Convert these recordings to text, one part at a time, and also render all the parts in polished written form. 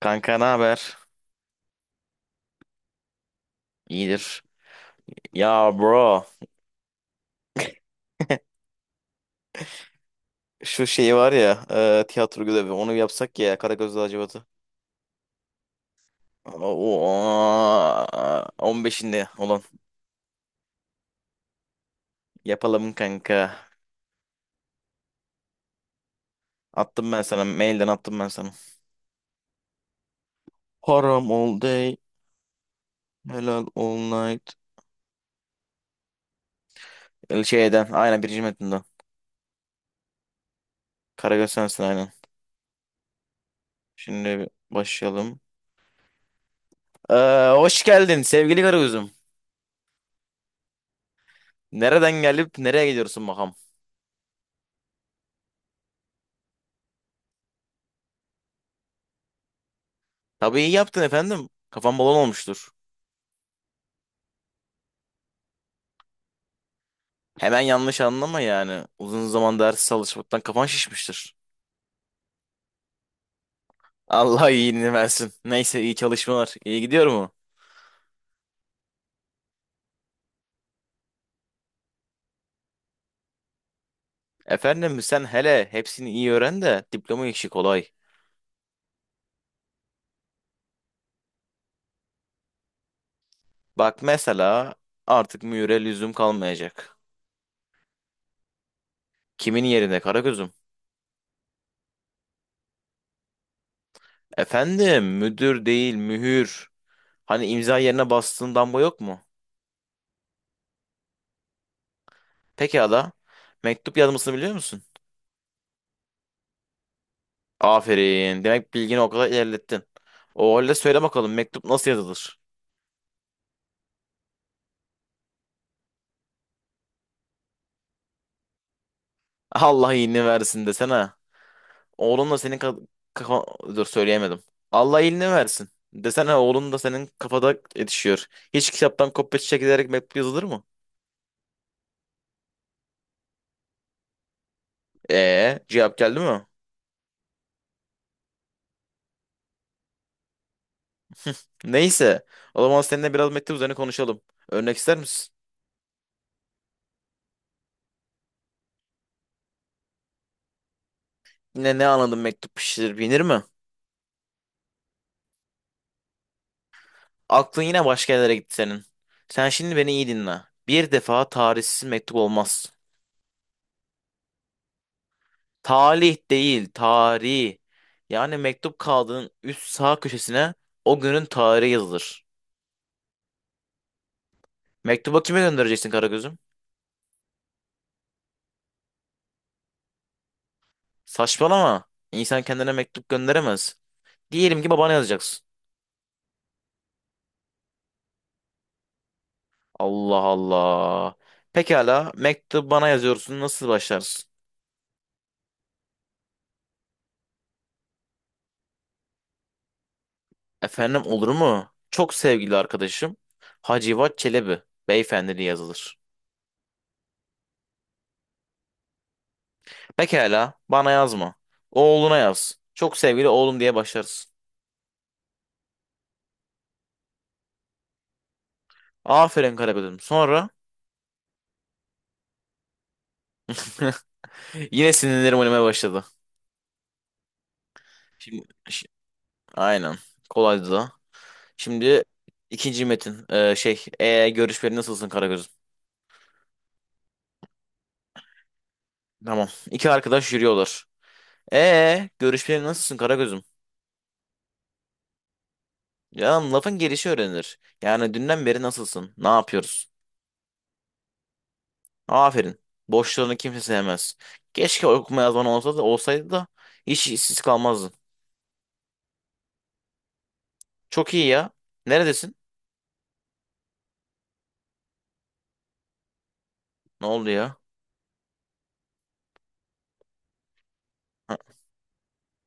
Kanka ne haber? İyidir. Ya bro, şu şey var ya, tiyatro görevi onu yapsak ya Karagöz Lacivati. Oo, 15'inde olan yapalım kanka. Attım ben sana, mailden attım ben sana. Haram all day, helal all night. El Şeyden, aynen birinci metinden. Karagöz sensin aynen. Şimdi başlayalım. Ee, Hoş geldin sevgili Karagöz'üm. Nereden gelip nereye gidiyorsun bakalım? Tabii iyi yaptın efendim. Kafam balon olmuştur. Hemen yanlış anlama yani. Uzun zaman ders çalışmaktan kafan şişmiştir. Allah iyiliğini versin. Neyse iyi çalışmalar. İyi gidiyor mu? Efendim sen hele hepsini iyi öğren de diploma işi kolay. Bak mesela artık mühüre lüzum kalmayacak. Kimin yerine Karagöz'üm? Efendim müdür değil mühür. Hani imza yerine bastığın damga yok mu? Pekala. Mektup yazmasını biliyor musun? Aferin. Demek bilgini o kadar ilerlettin. O halde söyle bakalım mektup nasıl yazılır? Allah iyiliğini versin desene. Oğlun da senin kafa... Dur söyleyemedim. Allah iyiliğini versin. Desene oğlun da senin kafada yetişiyor. Hiç kitaptan kopya çekilerek mektup yazılır mı? Cevap geldi mi? Neyse. O zaman seninle biraz mektup üzerine konuşalım. Örnek ister misin? Yine ne anladın mektup pişirir binir mi? Aklın yine başka yerlere gitti senin. Sen şimdi beni iyi dinle. Bir defa tarihsiz mektup olmaz. Talih değil, tarih. Yani mektup kağıdının üst sağ köşesine o günün tarihi yazılır. Mektubu kime göndereceksin Karagöz'üm? Saçmalama. İnsan kendine mektup gönderemez. Diyelim ki babana yazacaksın. Allah Allah. Pekala, mektup bana yazıyorsun. Nasıl başlarsın? Efendim olur mu? Çok sevgili arkadaşım Hacivat Çelebi beyefendiliği yazılır. Pekala, bana yazma. Oğluna yaz. Çok sevgili oğlum diye başlarsın. Aferin Karagöz'üm. Sonra yine sinirlerim oynamaya başladı. Şimdi aynen. Kolaydı da. Şimdi ikinci metin. Görüşmelerin nasılsın Karagöz'üm? Tamam. İki arkadaş yürüyorlar. Görüşmelerin nasılsın Karagöz'üm? Ya lafın gelişi öğrenilir. Yani dünden beri nasılsın? Ne yapıyoruz? Aferin. Boşlarını kimse sevmez. Keşke okuma yazman olsa da olsaydı da hiç işsiz kalmazdın. Çok iyi ya. Neredesin? Ne oldu ya? Ha,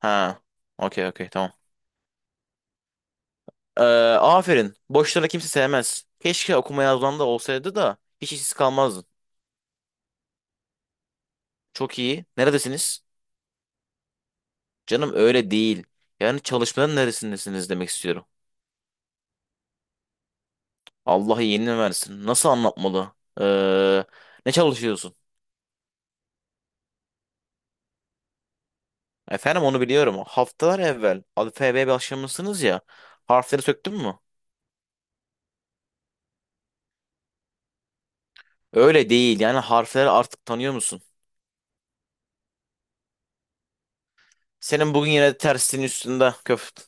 ha. Okey okey tamam. Ee, Aferin. Boşlara kimse sevmez. Keşke okuma yazman da olsaydı da hiç işsiz kalmazdın. Çok iyi. Neredesiniz? Canım öyle değil. Yani çalışmanın neresindesiniz demek istiyorum. Allah iyiliğini versin. Nasıl anlatmalı? Ee, Ne çalışıyorsun? Efendim onu biliyorum. Haftalar evvel alfabeye başlamışsınız ya. Harfleri söktün mü? Öyle değil. Yani harfleri artık tanıyor musun? Senin bugün yine tersinin üstünde köft.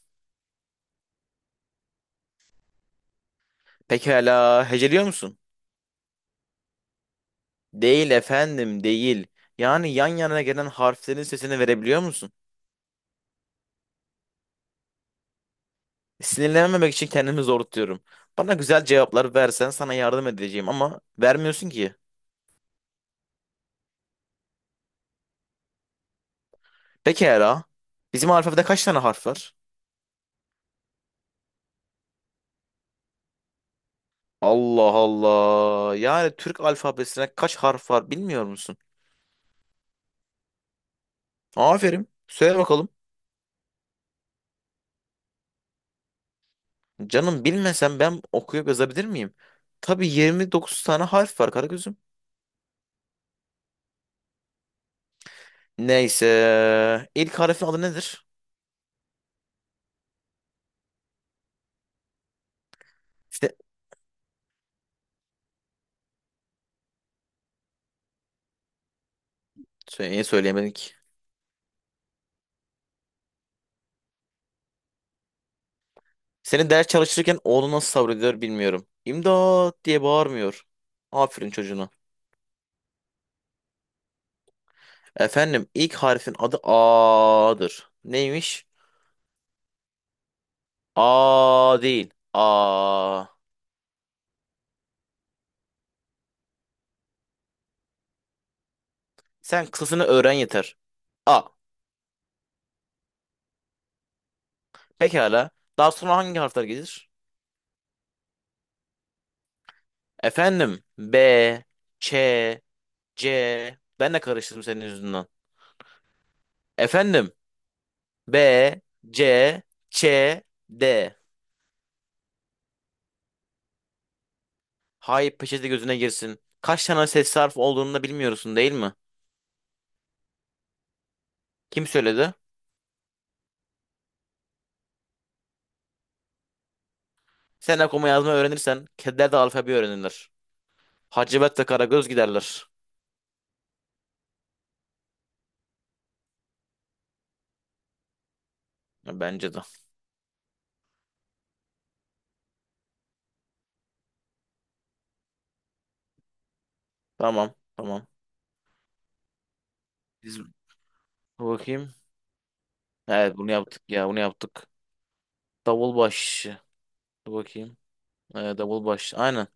Pekala heceliyor musun? Değil efendim, değil. Yani yan yana gelen harflerin sesini verebiliyor musun? Sinirlenmemek için kendimi zor tutuyorum. Bana güzel cevaplar versen sana yardım edeceğim ama vermiyorsun ki. Pekala. Bizim alfabede kaç tane harf var? Allah Allah. Yani Türk alfabesine kaç harf var bilmiyor musun? Aferin. Söyle bakalım. Canım bilmesem ben okuyup yazabilir miyim? Tabii 29 tane harf var Karagöz'üm. Neyse. İlk harfin adı nedir? İşte söyleyemedik. Senin ders çalışırken oğlu nasıl sabrediyor bilmiyorum. İmdat diye bağırmıyor. Aferin çocuğuna. Efendim ilk harfin adı A'dır. Neymiş? A değil. A. Sen kısasını öğren yeter. A. Pekala. Daha sonra hangi harfler gelir? Efendim B, Ç, C. Ben de karıştırdım senin yüzünden. Efendim B, C, Ç, D. Hay peçete gözüne girsin. Kaç tane ses harf olduğunu da bilmiyorsun değil mi? Kim söyledi? Sen okuma yazma öğrenirsen kediler de alfabe öğrenirler. Hacivat ve Karagöz giderler. Ya bence de. Tamam. Tamam. Dur bakayım. Evet bunu yaptık ya bunu yaptık. Davulbaş. Dur bakayım. Davulbaş. Aynen.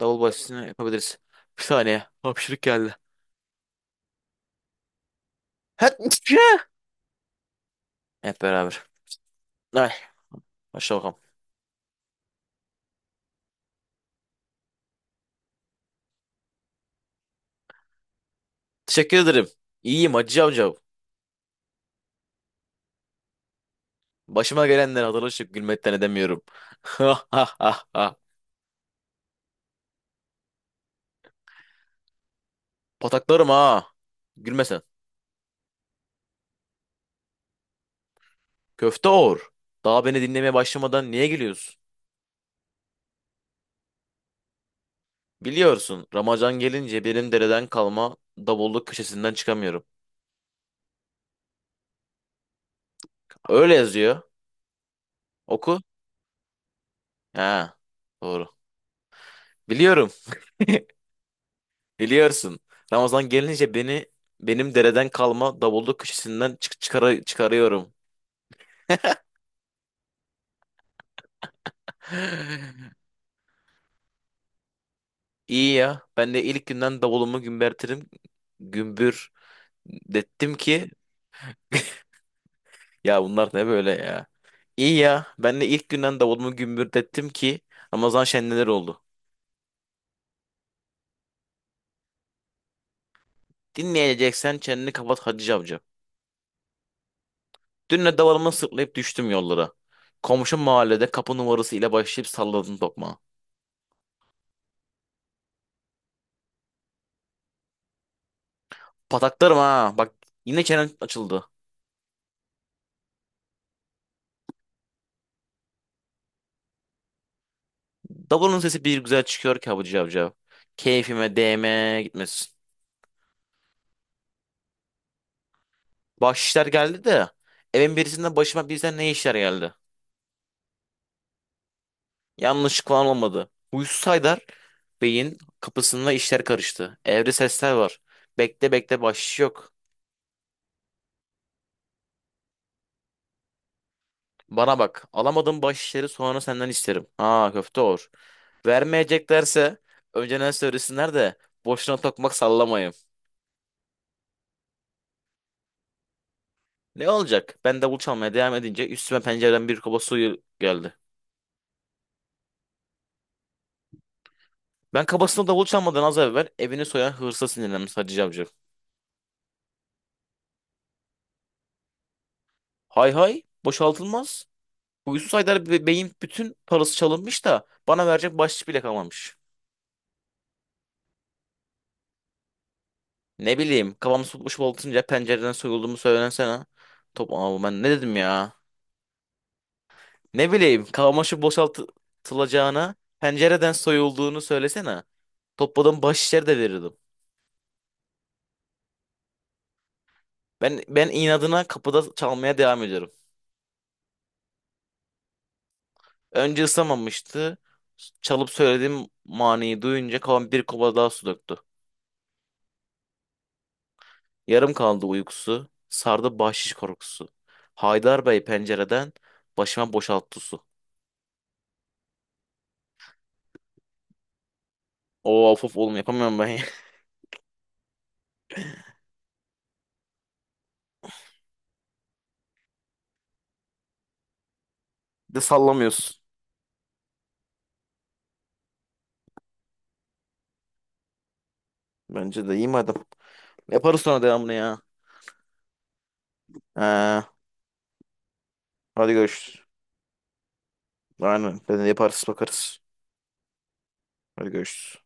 Davulbaşını yapabiliriz. Bir saniye. Hapşırık geldi. Hep Hep beraber. Ay, başla bakalım. Teşekkür ederim. İyiyim Hacı amca. Başıma gelenleri hatırlaşıp gülmekten edemiyorum. Ha ha ha ha pataklarım ha. Gülme sen. Köfte Oğur, daha beni dinlemeye başlamadan niye geliyorsun? Biliyorsun, Ramazan gelince benim dereden kalma davulluk köşesinden çıkamıyorum. Öyle yazıyor. Oku. Ha, doğru. Biliyorum. Biliyorsun. Ramazan gelince beni Benim dereden kalma davulluk köşesinden çıkarıyorum. İyi ya. Ben de ilk günden davulumu gümbürtirim. Gümbür Dettim ki ya bunlar ne böyle ya? İyi ya. Ben de ilk günden davulumu gümbürdettim ki Ramazan şenliler oldu. Dinleyeceksen çeneni kapat Hacı amca. Dün de davulumu sırtlayıp düştüm yollara. Komşu mahallede kapı numarası ile başlayıp salladım tokmağı. Pataklarım ha. Bak yine çenen açıldı. Davulun sesi bir güzel çıkıyor ki Hacı amca. Keyfime değme gitmesin. Bahşişler geldi de evin birisinden başıma birden ne işler geldi. Yanlışlık falan olmadı. Huysuz Haydar Beyin kapısında işler karıştı. Evde sesler var. Bekle bekle bahşiş yok. Bana bak. Alamadığım bahşişleri sonra senden isterim. Ha köfte olur. Vermeyeceklerse önceden söylesinler de boşuna tokmak sallamayın. Ne olacak? Ben davul çalmaya devam edince üstüme pencereden bir kaba suyu geldi. Ben kabasına davul çalmadan az evvel evini soyan hırsa sinirlenmiş Hacı Cavcı. Hay hay boşaltılmaz. Huysuz Haydar Bey'in bütün parası çalınmış da bana verecek bahşiş bile kalmamış. Ne bileyim kafamı futboş atınca pencereden soyulduğumu söylensene. Top ama ben ne dedim ya? Ne bileyim kafama şu boşaltılacağına pencereden soyulduğunu söylesene. Topladım baş içeri de verirdim. Ben inadına kapıda çalmaya devam ediyorum. Önce ısınamamıştı. Çalıp söylediğim maniyi duyunca kafam bir kova daha su döktü. Yarım kaldı uykusu. Sardı bahşiş korkusu. Haydar Bey pencereden başıma boşalttı su. Oo of of oğlum yapamıyorum ben ya. Bir de sallamıyorsun. Bence de iyi madem. Yaparız sonra devamını ya. Ha, hadi görüşürüz. Aynen. Ben de yaparız bakarız. Hadi görüşürüz.